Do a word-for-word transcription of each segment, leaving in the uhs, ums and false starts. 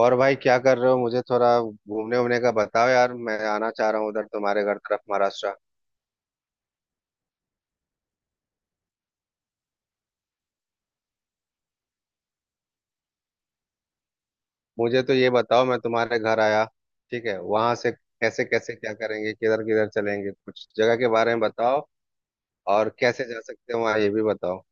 और भाई क्या कर रहे हो? मुझे थोड़ा घूमने वूमने का बताओ यार। मैं आना चाह रहा हूँ उधर तुम्हारे घर तरफ, महाराष्ट्र। मुझे तो ये बताओ, मैं तुम्हारे घर आया, ठीक है, वहां से कैसे कैसे क्या करेंगे, किधर किधर चलेंगे, कुछ जगह के बारे में बताओ। और कैसे जा सकते हैं वहाँ, ये भी बताओ।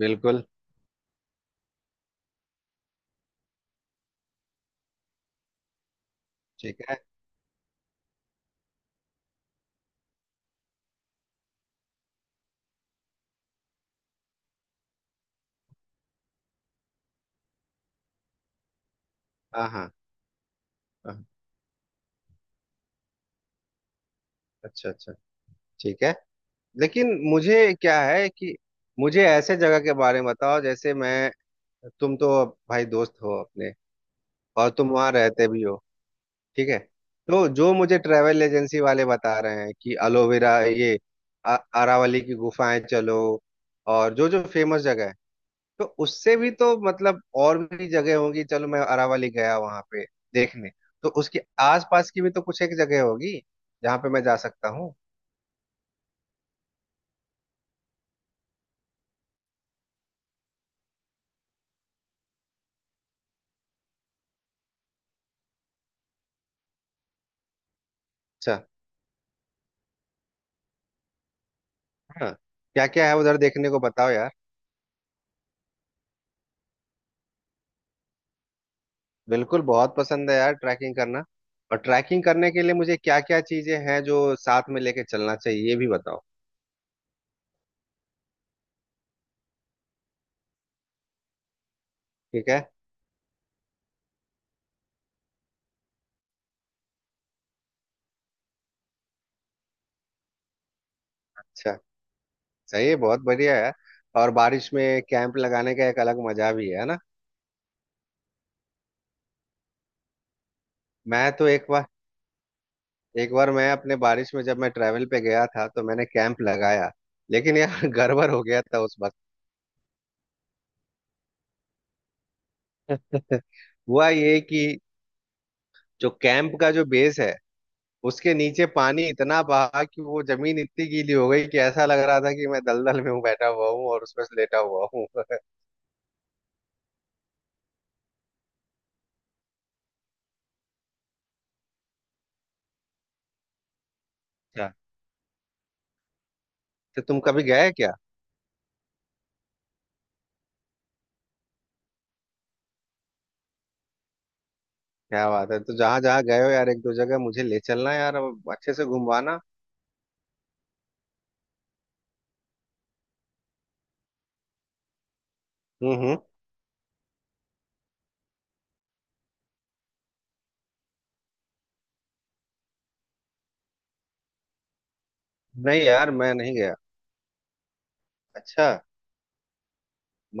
बिल्कुल। ठीक है। हाँ हाँ हाँ, अच्छा अच्छा। ठीक है। लेकिन मुझे क्या है कि मुझे ऐसे जगह के बारे में बताओ जैसे मैं, तुम तो भाई दोस्त हो अपने, और तुम वहाँ रहते भी हो। ठीक है। तो जो मुझे ट्रैवल एजेंसी वाले बता रहे हैं कि एलोवेरा, ये अ- अरावली की गुफाएं, चलो, और जो जो फेमस जगह है, तो उससे भी तो मतलब और भी जगह होगी। चलो, मैं अरावली गया वहां पे देखने, तो उसके आसपास की भी तो कुछ एक जगह होगी जहाँ पे मैं जा सकता हूँ। अच्छा। हाँ। क्या क्या है उधर देखने को बताओ यार। बिल्कुल, बहुत पसंद है यार ट्रैकिंग करना। और ट्रैकिंग करने के लिए मुझे क्या क्या चीजें हैं जो साथ में लेके चलना चाहिए, ये भी बताओ। ठीक है। अच्छा। सही है, बहुत बढ़िया है। और बारिश में कैंप लगाने का एक अलग मजा भी है ना। मैं तो एक बार एक बार मैं अपने बारिश में, जब मैं ट्रैवल पे गया था, तो मैंने कैंप लगाया, लेकिन यार गड़बड़ हो गया था उस वक्त। हुआ ये कि जो कैंप का जो बेस है, उसके नीचे पानी इतना बहा कि वो जमीन इतनी गीली हो गई कि ऐसा लग रहा था कि मैं दलदल में हूँ, बैठा हुआ हूँ और उसमें से लेटा हुआ हूँ। अच्छा। तो तुम कभी गए क्या? क्या बात है! तो जहां जहां गए हो यार, एक दो जगह मुझे ले चलना यार, अब अच्छे से घुमवाना। हम्म हम्म। नहीं यार, मैं नहीं गया। अच्छा।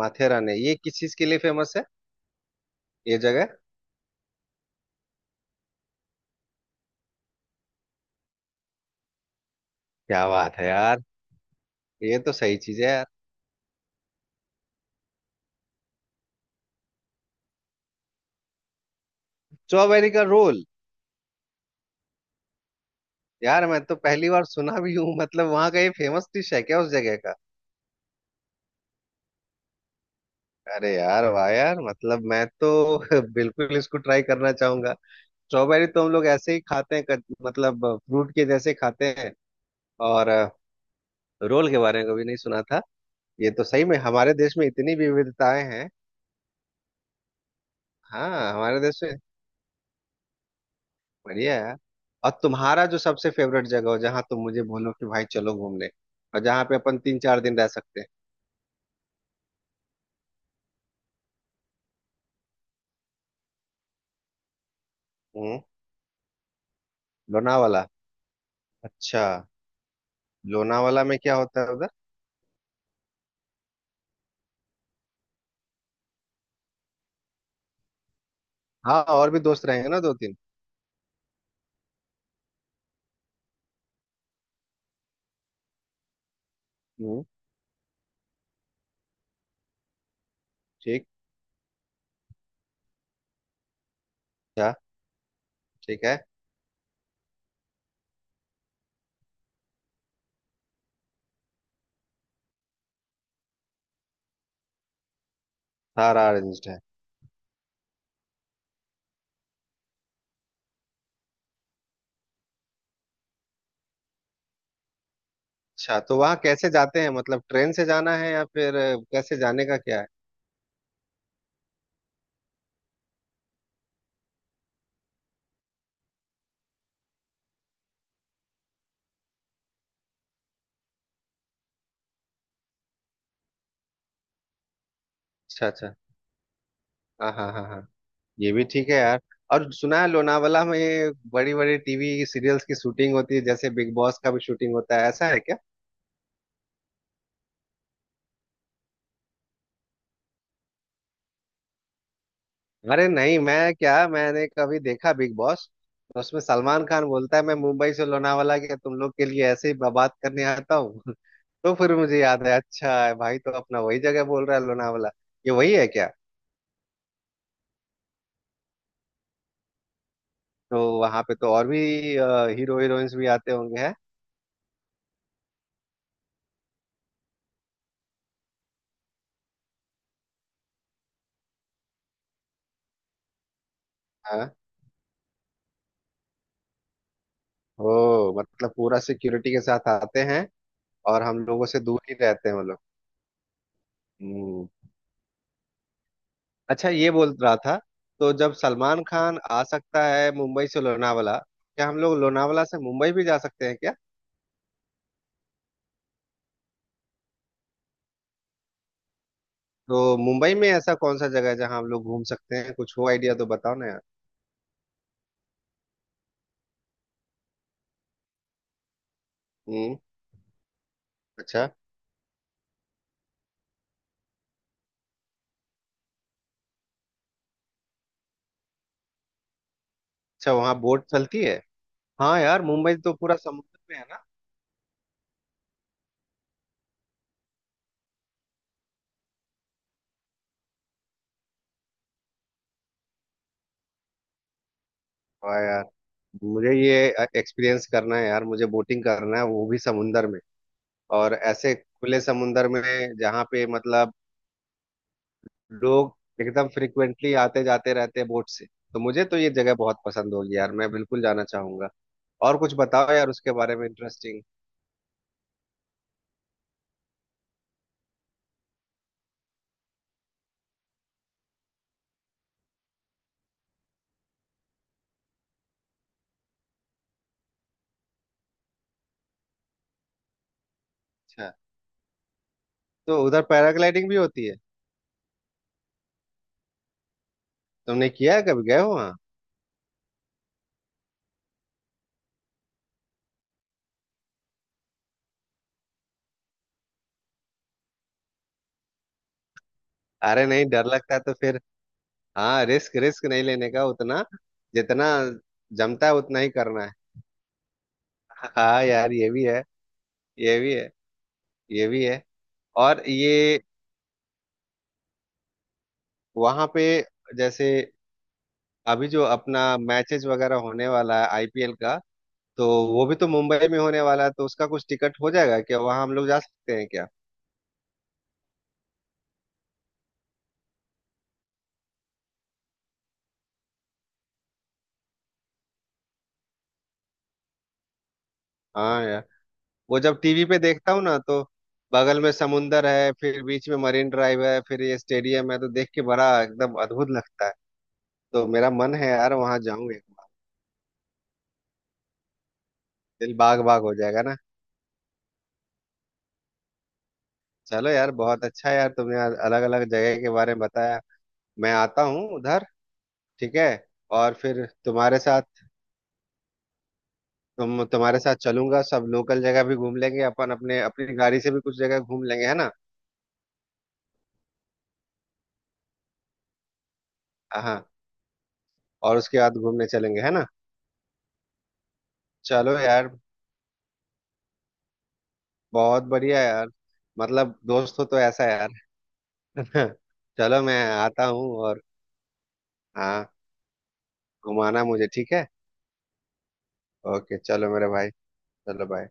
माथेरान है, ये किस चीज के लिए फेमस है ये जगह? क्या बात है यार! ये तो सही चीज है यार। स्ट्रॉबेरी का रोल? यार मैं तो पहली बार सुना भी हूँ। मतलब वहाँ का ये फेमस डिश है क्या उस जगह का? अरे यार वाह यार! मतलब मैं तो बिल्कुल इसको ट्राई करना चाहूंगा। स्ट्रॉबेरी तो हम लोग ऐसे ही खाते हैं, कट- मतलब फ्रूट के जैसे खाते हैं। और अ, रोल के बारे में कभी नहीं सुना था। ये तो सही में हमारे देश में इतनी विविधताएं हैं। हाँ हमारे देश में। बढ़िया है। और तुम्हारा जो सबसे फेवरेट जगह हो, जहाँ तुम मुझे बोलो कि भाई चलो घूमने, और जहाँ पे अपन तीन चार दिन रह सकते हैं। हम्म। लोनावाला। अच्छा। लोनावाला में क्या होता है उधर? हाँ, और भी दोस्त रहेंगे ना, दो तीन। हम्म। ठीक। अच्छा। ठीक है। सारा अरेंज्ड है। अच्छा, तो वहाँ कैसे जाते हैं? मतलब ट्रेन से जाना है या फिर अ, कैसे जाने का क्या है? अच्छा अच्छा। हाँ हाँ हाँ हाँ। ये भी ठीक है यार। और सुना है लोनावाला में बड़ी बड़ी टीवी सीरियल्स की शूटिंग होती है, जैसे बिग बॉस का भी शूटिंग होता है, ऐसा है क्या? अरे नहीं, मैं क्या, मैंने कभी देखा बिग बॉस, तो उसमें सलमान खान बोलता है, मैं मुंबई से लोनावाला गया तुम लोग के लिए ऐसे ही बात करने आता हूँ। तो फिर मुझे याद है, अच्छा है भाई, तो अपना वही जगह बोल रहा है, लोनावाला। ये वही है क्या? तो वहां पे तो और भी अ, हीरो हीरोइंस भी आते होंगे हैं। हाँ। ओ, मतलब पूरा सिक्योरिटी के साथ आते हैं। और हम लोगों से दूर ही रहते हैं वो लोग। हम्म। अच्छा, ये बोल रहा था, तो जब सलमान खान आ सकता है मुंबई से लोनावला, क्या हम लोग लोनावला से मुंबई भी जा सकते हैं क्या? तो मुंबई में ऐसा कौन सा जगह है जहाँ हम लोग घूम सकते हैं? कुछ हो आइडिया तो बताओ ना यार। हम्म। अच्छा। अच्छा, वहाँ बोट चलती है? हाँ यार, मुंबई तो पूरा समुद्र में है ना। हाँ यार। मुझे ये एक्सपीरियंस करना है यार, मुझे बोटिंग करना है, वो भी समुंदर में, और ऐसे खुले समुंदर में, जहाँ पे मतलब लोग एकदम फ्रिक्वेंटली आते जाते रहते हैं बोट से। तो मुझे तो ये जगह बहुत पसंद होगी यार, मैं बिल्कुल जाना चाहूंगा। और कुछ बताओ यार उसके बारे में इंटरेस्टिंग। अच्छा, तो उधर पैराग्लाइडिंग भी होती है? तुमने किया है, कभी गए हो वहाँ? अरे नहीं, डर लगता है तो फिर। हाँ, रिस्क रिस्क नहीं लेने का उतना, जितना जमता है उतना ही करना है। हाँ यार, ये भी है, ये भी है, ये भी है। और ये, वहाँ पे, जैसे अभी जो अपना मैचेस वगैरह होने वाला है आई पी एल का, तो वो भी तो मुंबई में होने वाला है, तो उसका कुछ टिकट हो जाएगा क्या, वहां हम लोग जा सकते हैं क्या? हाँ यार, वो जब टीवी पे देखता हूँ ना, तो बगल में समुंदर है, फिर बीच में मरीन ड्राइव है, फिर ये स्टेडियम है, तो देख के बड़ा एकदम अद्भुत लगता है। तो मेरा मन है यार वहां जाऊं एक बार। दिल बाग बाग हो जाएगा ना। चलो यार, बहुत अच्छा है यार, तुमने अलग अलग जगह के बारे में बताया। मैं आता हूँ उधर, ठीक है, और फिर तुम्हारे साथ, तुम तुम्हारे साथ चलूंगा, सब लोकल जगह भी घूम लेंगे अपन, अपने अपनी गाड़ी से भी कुछ जगह घूम लेंगे, है ना। हाँ। और उसके बाद घूमने चलेंगे है ना। चलो यार, बहुत बढ़िया यार, मतलब दोस्त हो तो ऐसा यार। है ना। चलो, मैं आता हूँ और। हाँ। घुमाना मुझे, ठीक है। ओके, चलो मेरे भाई, चलो बाय।